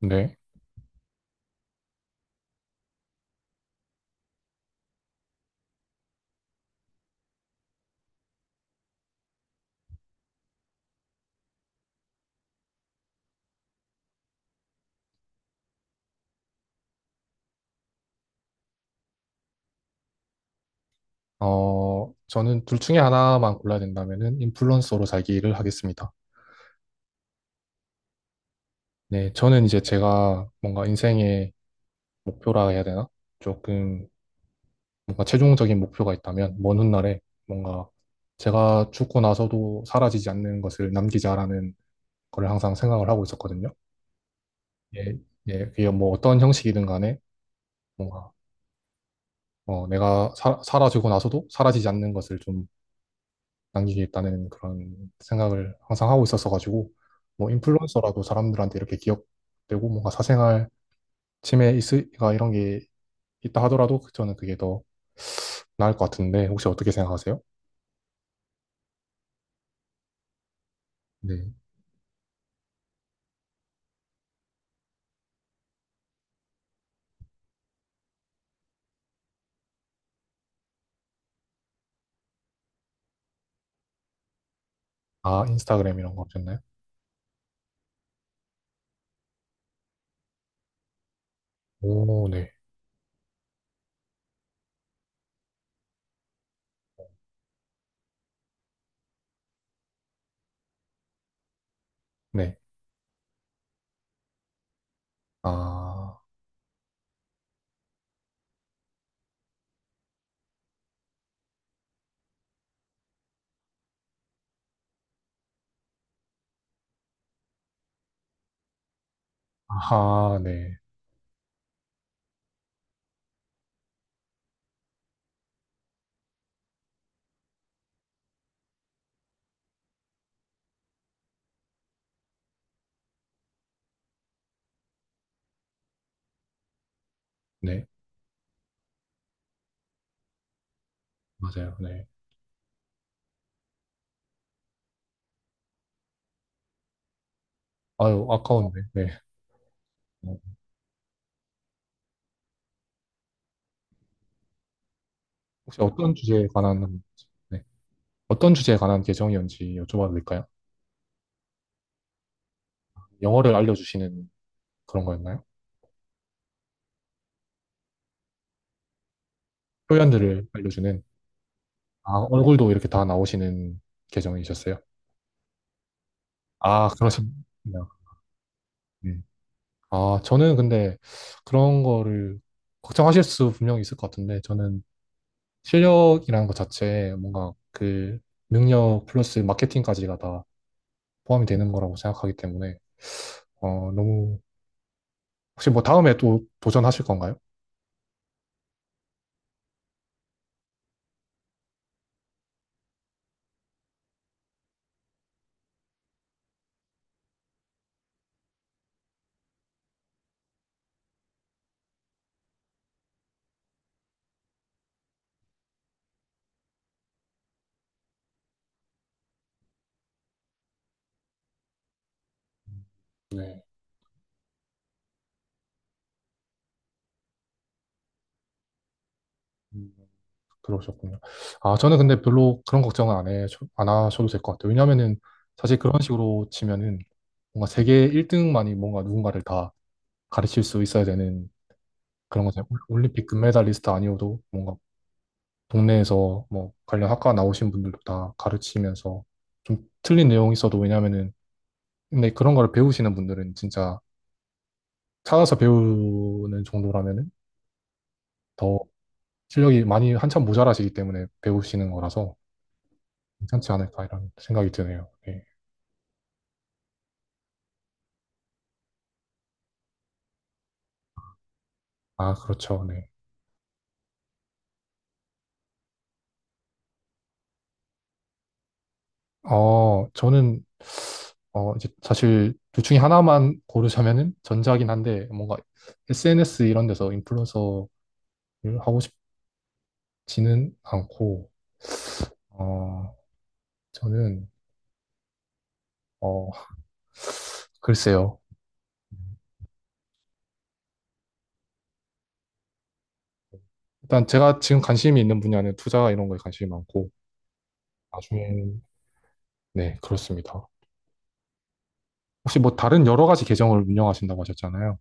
네. 저는 둘 중에 하나만 골라야 된다면은 인플루언서로 살기를 하겠습니다. 네, 저는 이제 제가 뭔가 인생의 목표라 해야 되나? 조금 뭔가 최종적인 목표가 있다면 먼 훗날에 뭔가 제가 죽고 나서도 사라지지 않는 것을 남기자라는 걸 항상 생각을 하고 있었거든요. 예, 예, 그게 뭐 어떤 형식이든 간에 뭔가 내가 사라지고 나서도 사라지지 않는 것을 좀 남기겠다는 그런 생각을 항상 하고 있었어가지고 뭐 인플루언서라도 사람들한테 이렇게 기억되고 뭔가 사생활 침해 있으가 이런 게 있다 하더라도 그 저는 그게 더 나을 것 같은데 혹시 어떻게 생각하세요? 네. 아, 인스타그램 이런 거없셨나요? 오, 네, 네. 아, 아하, 네, 네, 맞아요, 네. 아유, 아까운데, 네. 어, 혹시 어떤 주제에 관한, 네. 어떤 주제에 관한 계정이었는지 여쭤봐도 될까요? 영어를 알려주시는 그런 거였나요? 표현들을 알려주는. 아, 얼굴도 이렇게 다 나오시는 계정이셨어요? 아, 그러시군요. 네. 아, 저는 근데 그런 거를 걱정하실 수 분명히 있을 것 같은데, 저는 실력이라는 것 자체에 뭔가 그 능력 플러스 마케팅까지가 다 포함이 되는 거라고 생각하기 때문에, 너무, 혹시 뭐 다음에 또 도전하실 건가요? 네. 들어오셨군요. 아, 저는 근데 별로 그런 걱정은 안 하셔도 될 것 같아요. 왜냐면은 사실 그런 식으로 치면은 뭔가 세계 1등만이 뭔가 누군가를 다 가르칠 수 있어야 되는 그런 거잖아요. 올림픽 금메달리스트 아니어도 뭔가 동네에서 뭐 관련 학과 나오신 분들도 다 가르치면서 좀 틀린 내용이 있어도 왜냐면은 근데 그런 거를 배우시는 분들은 진짜 찾아서 배우는 정도라면은 더 실력이 많이 한참 모자라시기 때문에 배우시는 거라서 괜찮지 않을까 이런 생각이 드네요. 네. 아, 그렇죠. 네. 저는, 이제 사실 둘 중에 하나만 고르자면은 전자긴 한데, 뭔가 SNS 이런 데서 인플루언서를 하고 싶지는 않고, 어, 저는, 어, 글쎄요. 일단 제가 지금 관심이 있는 분야는 투자 이런 거에 관심이 많고, 나중에는, 네, 그렇습니다. 혹시 뭐 다른 여러 가지 계정을 운영하신다고 하셨잖아요.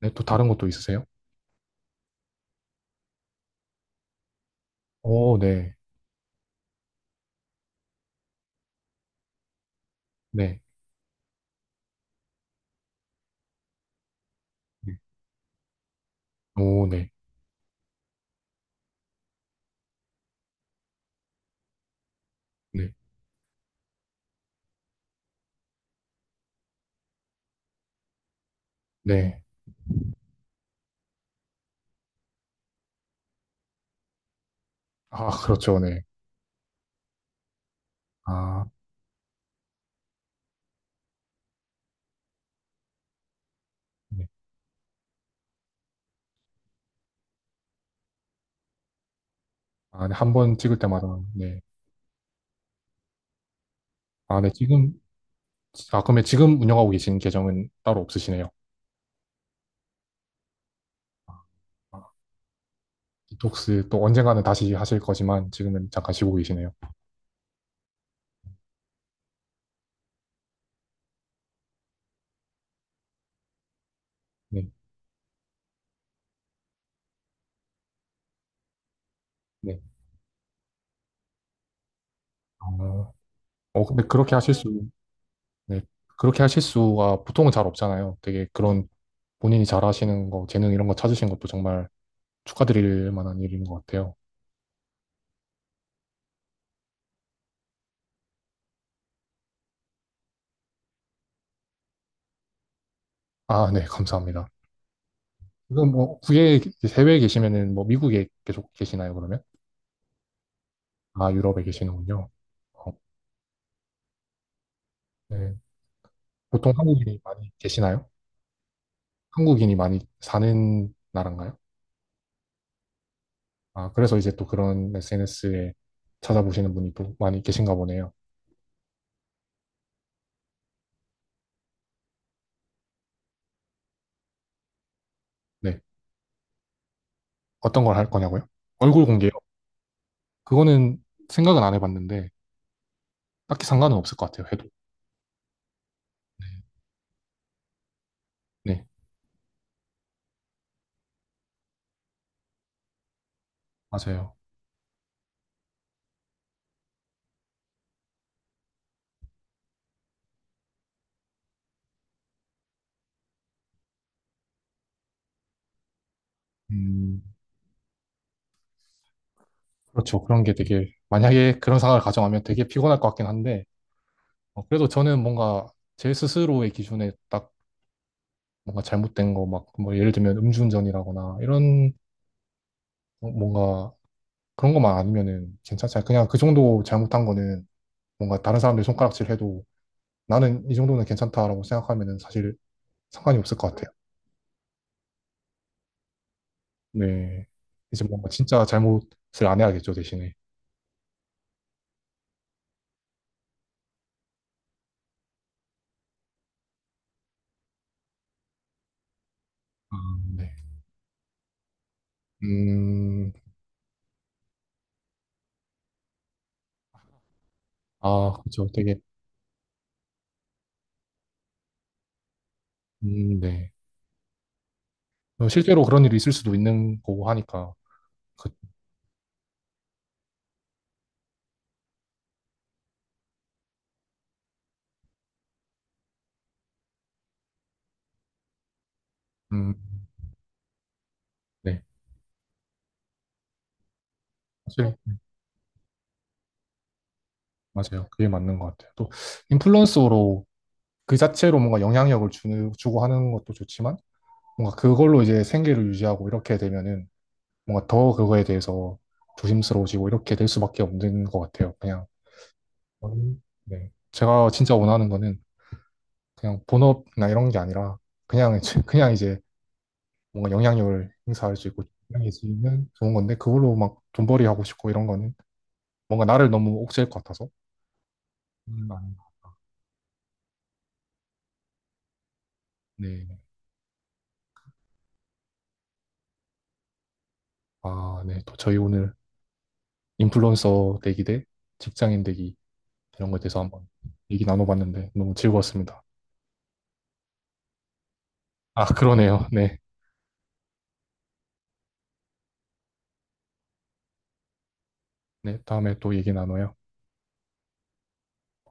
네, 또 다른 것도 있으세요? 오, 네, 네, 네. 오, 네, 네, 네. 아, 그렇죠. 네. 아. 네. 아, 네, 한 번 찍을 때마다. 네. 아, 네, 지금, 아, 그러면 지금 운영하고 계신 계정은 따로 없으시네요. 아, 디톡스 또 언젠가는 다시 하실 거지만 지금은 잠깐 쉬고 계시네요. 네, 네. 어, 근데 그렇게 하실 수, 네. 그렇게 하실 수가 보통은 잘 없잖아요. 되게 그런 본인이 잘 하시는 거, 재능 이런 거 찾으신 것도 정말 축하드릴 만한 일인 것 같아요. 아, 네, 감사합니다. 지금 뭐, 국외에, 해외에 계시면은 뭐 미국에 계속 계시나요, 그러면? 아, 유럽에 계시는군요. 어, 네. 보통 한국인이 많이 계시나요? 한국인이 많이 사는 나라인가요? 아, 그래서 이제 또 그런 SNS에 찾아보시는 분이 또 많이 계신가 보네요. 네. 어떤 걸 할 거냐고요? 얼굴 공개요. 그거는 생각은 안 해봤는데, 딱히 상관은 없을 것 같아요, 해도. 네. 네, 맞아요. 음, 그렇죠. 그런 게 되게, 만약에 그런 상황을 가정하면 되게 피곤할 것 같긴 한데, 그래도 저는 뭔가 제 스스로의 기준에 딱 뭔가 잘못된 거, 막, 뭐 예를 들면 음주운전이라거나, 이런 뭔가 그런 것만 아니면은 괜찮잖아요. 그냥 그 정도 잘못한 거는 뭔가 다른 사람들 손가락질 해도 나는 이 정도는 괜찮다라고 생각하면은 사실 상관이 없을 것 같아요. 네. 이제 뭔가 진짜 잘못을 안 해야겠죠, 대신에. 아, 네. 음, 아, 그렇죠. 되게, 네. 뭐 실제로 그런 일이 있을 수도 있는 거고 하니까, 그, 음, 네. 사실, 맞아요. 그게 맞는 것 같아요. 또, 인플루언서로 그 자체로 뭔가 영향력을 주는, 주고 하는 것도 좋지만, 뭔가 그걸로 이제 생계를 유지하고 이렇게 되면은 뭔가 더 그거에 대해서 조심스러워지고 이렇게 될 수밖에 없는 것 같아요. 그냥 네. 제가 진짜 원하는 거는 그냥 본업이나 이런 게 아니라 그냥 이제 뭔가 영향력을 행사할 수 있고 영향이지면 좋은 건데 그걸로 막 돈벌이 하고 싶고 이런 거는 뭔가 나를 너무 옥죄일 것 같아서 아, 네. 아, 네. 또 저희 오늘 인플루언서 되기 대 직장인 되기 이런 거에 대해서 한번 얘기 나눠봤는데 너무 즐거웠습니다. 아, 그러네요. 네. 네. 다음에 또 얘기 나눠요.